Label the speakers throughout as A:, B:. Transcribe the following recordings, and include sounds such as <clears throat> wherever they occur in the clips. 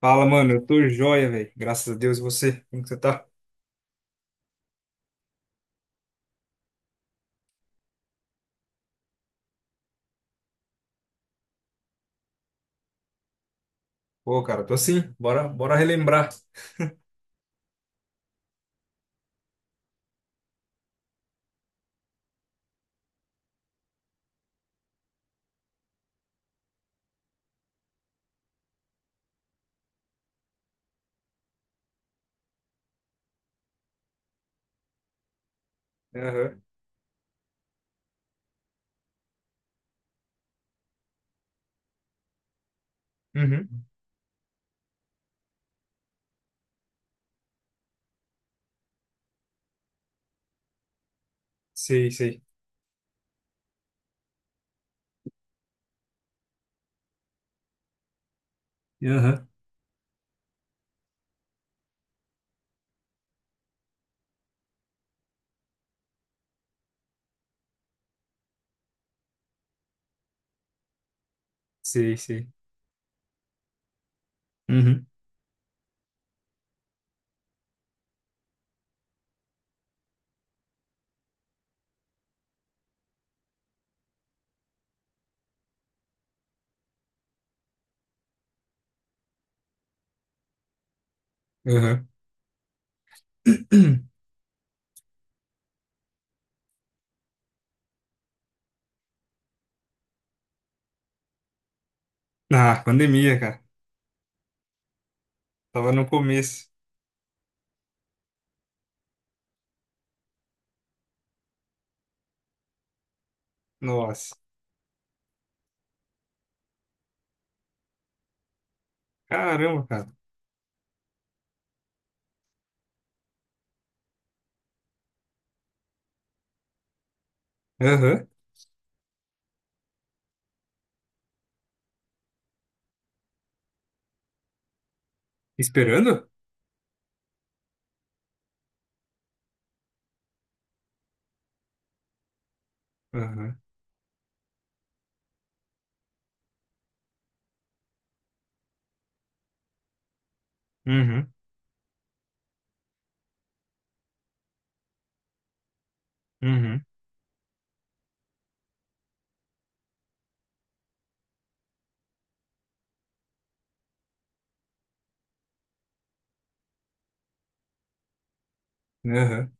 A: Fala, mano, eu tô joia, velho. Graças a Deus, e você? Como que você tá? Pô, cara, tô assim Bora, bora relembrar. Aham. Uhum. Sei, sei. Aham. Sei, sei. Uhum. Aham. <clears throat> Ah, pandemia, cara. Tava no começo. Nossa. Caramba, cara. Aham. Esperando? Aham. Uhum. Uhum. Aham.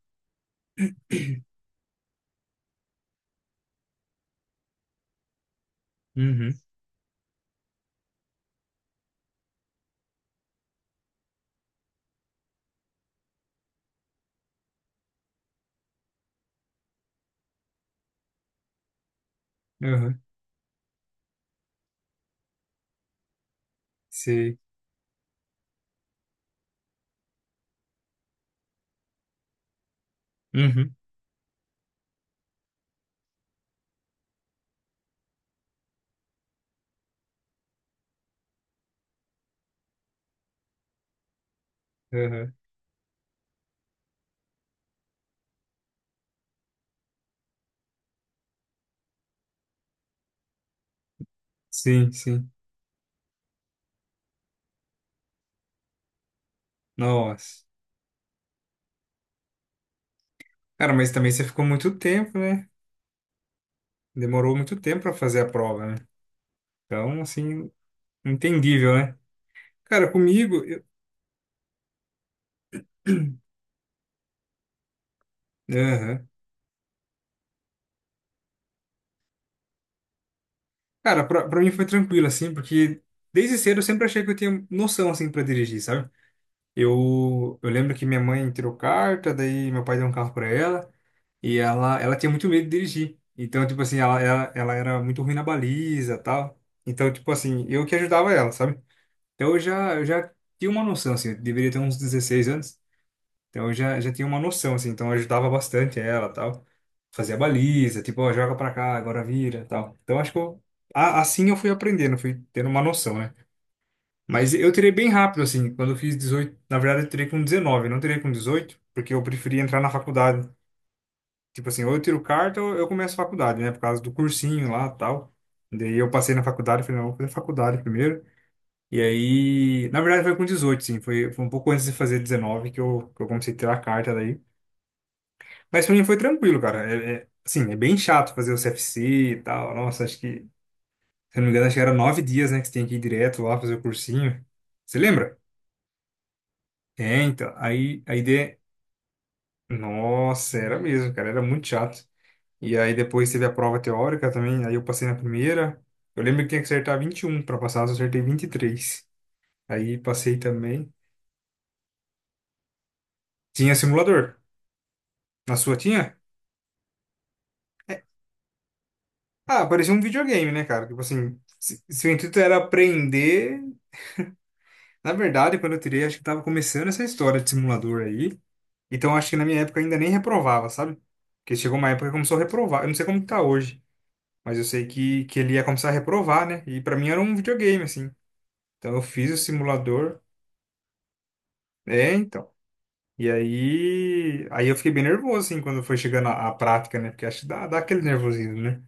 A: Uhum. Aham. Sei. Uhum. Aham. Sim, sim. Nossa. Cara, mas também você ficou muito tempo, né? Demorou muito tempo pra fazer a prova, né? Então, assim, entendível, né? Cara, comigo. Aham. Cara, pra mim foi tranquilo, assim, porque desde cedo eu sempre achei que eu tinha noção, assim, pra dirigir, sabe? Eu lembro que minha mãe tirou carta, daí meu pai deu um carro pra ela, e ela tinha muito medo de dirigir. Então, tipo assim, ela era muito ruim na baliza tal. Então, tipo assim, eu que ajudava ela, sabe? Então eu já tinha uma noção, assim, eu deveria ter uns 16 anos. Então eu já tinha uma noção, assim, então eu ajudava bastante ela, tal. Fazia baliza, tipo, ó, joga pra cá, agora vira, tal. Então acho que eu, assim eu fui aprendendo, fui tendo uma noção, né? Mas eu tirei bem rápido, assim, quando eu fiz 18 na verdade eu tirei com 19 não tirei com 18 porque eu preferia entrar na faculdade. Tipo assim, ou eu tiro carta ou eu começo a faculdade, né? Por causa do cursinho lá, tal. Daí eu passei na faculdade, falei, não, vou fazer faculdade primeiro. E aí, na verdade foi com 18 sim, foi, foi um pouco antes de fazer 19 que eu comecei a tirar a carta daí. Mas pra mim foi tranquilo, cara. É, assim, é bem chato fazer o CFC e tal. Nossa, acho que, se eu não me engano, acho que era 9 dias, né, que você tem que ir direto lá fazer o cursinho. Você lembra? É, então. Aí a ideia. Nossa, era mesmo, cara. Era muito chato. E aí depois teve a prova teórica também. Aí eu passei na primeira. Eu lembro que tinha que acertar 21 para passar, eu só acertei 23. Aí passei também. Tinha simulador. Na sua tinha? É. Ah, parecia um videogame, né, cara? Tipo assim, se o intuito era aprender. Na verdade, quando eu tirei, acho que tava começando essa história de simulador aí. Então acho que na minha época ainda nem reprovava, sabe? Porque chegou uma época que começou a reprovar. Eu não sei como que tá hoje, mas eu sei que ele ia começar a reprovar, né? E pra mim era um videogame, assim. Então eu fiz o simulador. É, então. E aí, eu fiquei bem nervoso, assim, quando foi chegando a prática, né? Porque acho que dá aquele nervosismo, né?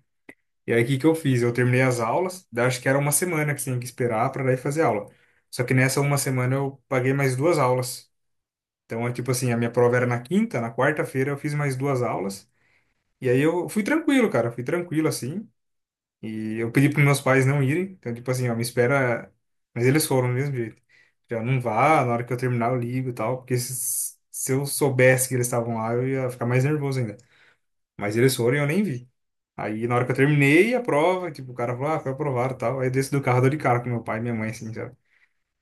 A: E aí o que que eu fiz? Eu terminei as aulas, daí acho que era uma semana que tinha que esperar para daí fazer aula. Só que nessa uma semana eu paguei mais duas aulas. Então é tipo assim, a minha prova era na quinta, na quarta-feira eu fiz mais duas aulas. E aí eu fui tranquilo, cara, fui tranquilo assim. E eu pedi para meus pais não irem. Então, tipo assim, ó, me espera. Mas eles foram do mesmo jeito. Já não vá, na hora que eu terminar eu ligo e tal. Porque se eu soubesse que eles estavam lá, eu ia ficar mais nervoso ainda. Mas eles foram e eu nem vi. Aí na hora que eu terminei a prova, tipo, o cara falou, ah, foi aprovado e tal. Aí eu desci do carro, dou de cara com meu pai e minha mãe, assim, sabe?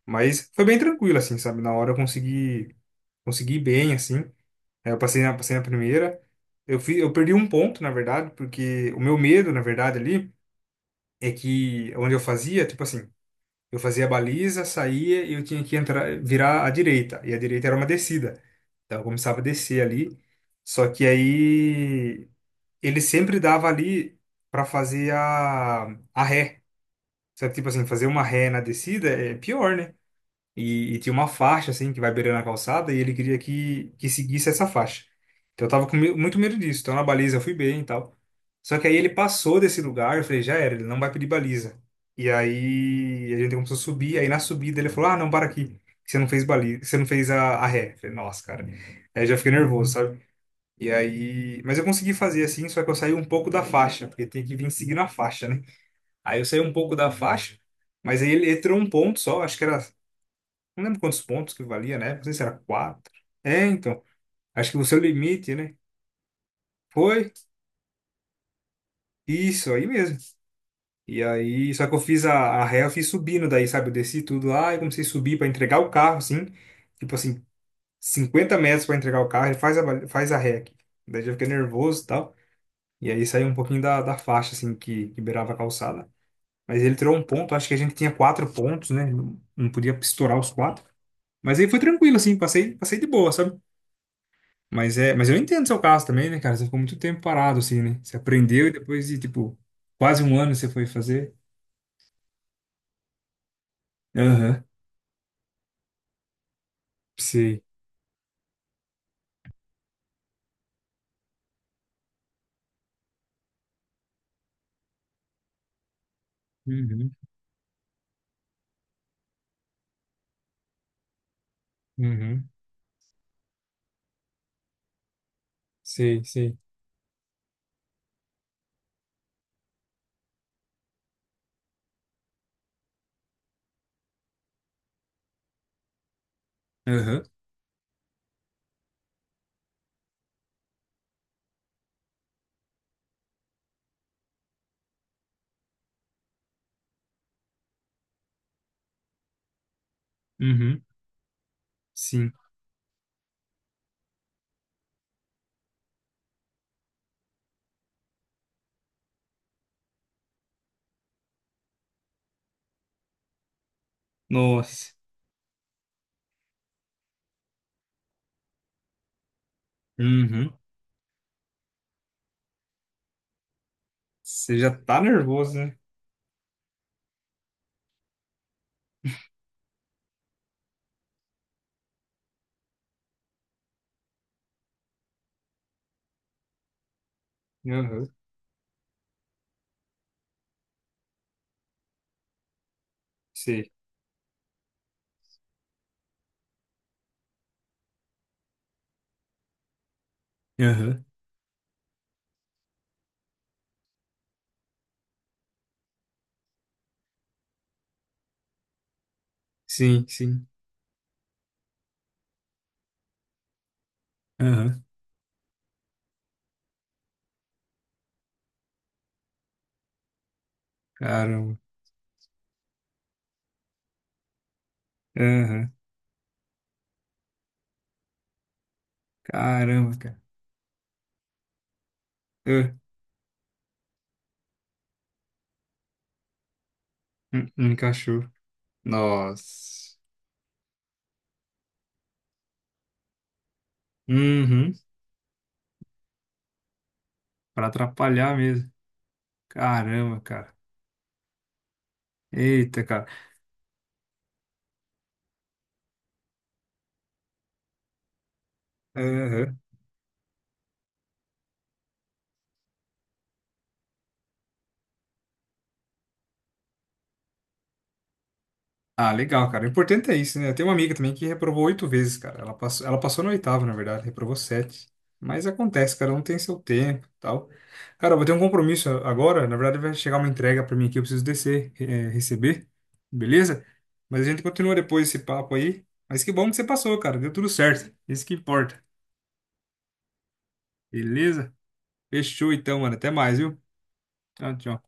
A: Mas foi bem tranquilo, assim, sabe? Na hora eu consegui, consegui ir bem, assim. Aí eu passei na primeira. Eu perdi um ponto, na verdade, porque o meu medo, na verdade, ali, é que onde eu fazia, tipo assim, eu fazia a baliza, saía e eu tinha que entrar, virar à direita. E a direita era uma descida. Então eu começava a descer ali. Só que aí ele sempre dava ali para fazer a ré. Sabe, tipo assim, fazer uma ré na descida é pior, né? E tinha uma faixa, assim, que vai beirando a calçada, e ele queria que seguisse essa faixa. Então eu tava com muito medo disso. Então na baliza eu fui bem e tal. Só que aí ele passou desse lugar, eu falei, já era, ele não vai pedir baliza. E aí a gente começou a subir, aí na subida ele falou, ah, não, para aqui, que você não fez baliza, que você não fez a ré. Eu falei, nossa, cara. Aí eu já fiquei nervoso, sabe? E aí. Mas eu consegui fazer assim, só que eu saí um pouco da faixa, porque tem que vir seguindo a faixa, né? Aí eu saí um pouco da faixa. Mas aí ele entrou um ponto só, acho que era não lembro quantos pontos que valia, né? Não sei se era quatro. É, então. Acho que o seu limite, né? Foi isso aí mesmo. E aí, só que eu fiz a ré, eu fiz subindo daí, sabe? Eu desci tudo lá e comecei a subir para entregar o carro, assim. Tipo assim, 50 metros para entregar o carro, ele faz a ré aqui. Daí eu fiquei nervoso e tal. E aí saiu um pouquinho da faixa, assim, que beirava a calçada. Mas ele tirou um ponto, acho que a gente tinha quatro pontos, né? Não, não podia estourar os quatro. Mas aí foi tranquilo, assim, passei, passei de boa, sabe? Mas é, mas eu entendo seu caso também, né, cara? Você ficou muito tempo parado, assim, né? Você aprendeu e depois de, tipo, quase um ano você foi fazer. Aham, sei. Uhum, uhum, sei, sei. Aham, uhum, sim. Nossa. Uhum. Você já tá nervoso, né? Aham, sei. Aham, sim, sim. Aham, caramba. Aham, caramba, cara. Ah, encaixou. Nossa. Uhum, pra atrapalhar mesmo. Caramba, cara. Eita, cara. Aham. Ah, legal, cara. O importante é isso, né? Eu tenho uma amiga também que reprovou 8 vezes, cara. Ela passou na oitava, na verdade, reprovou sete. Mas acontece, cara, não tem seu tempo e tal. Cara, eu vou ter um compromisso agora. Na verdade, vai chegar uma entrega pra mim aqui, eu preciso descer, receber, beleza? Mas a gente continua depois esse papo aí. Mas que bom que você passou, cara. Deu tudo certo. Isso que importa. Beleza? Fechou então, mano. Até mais, viu? Tchau, tchau.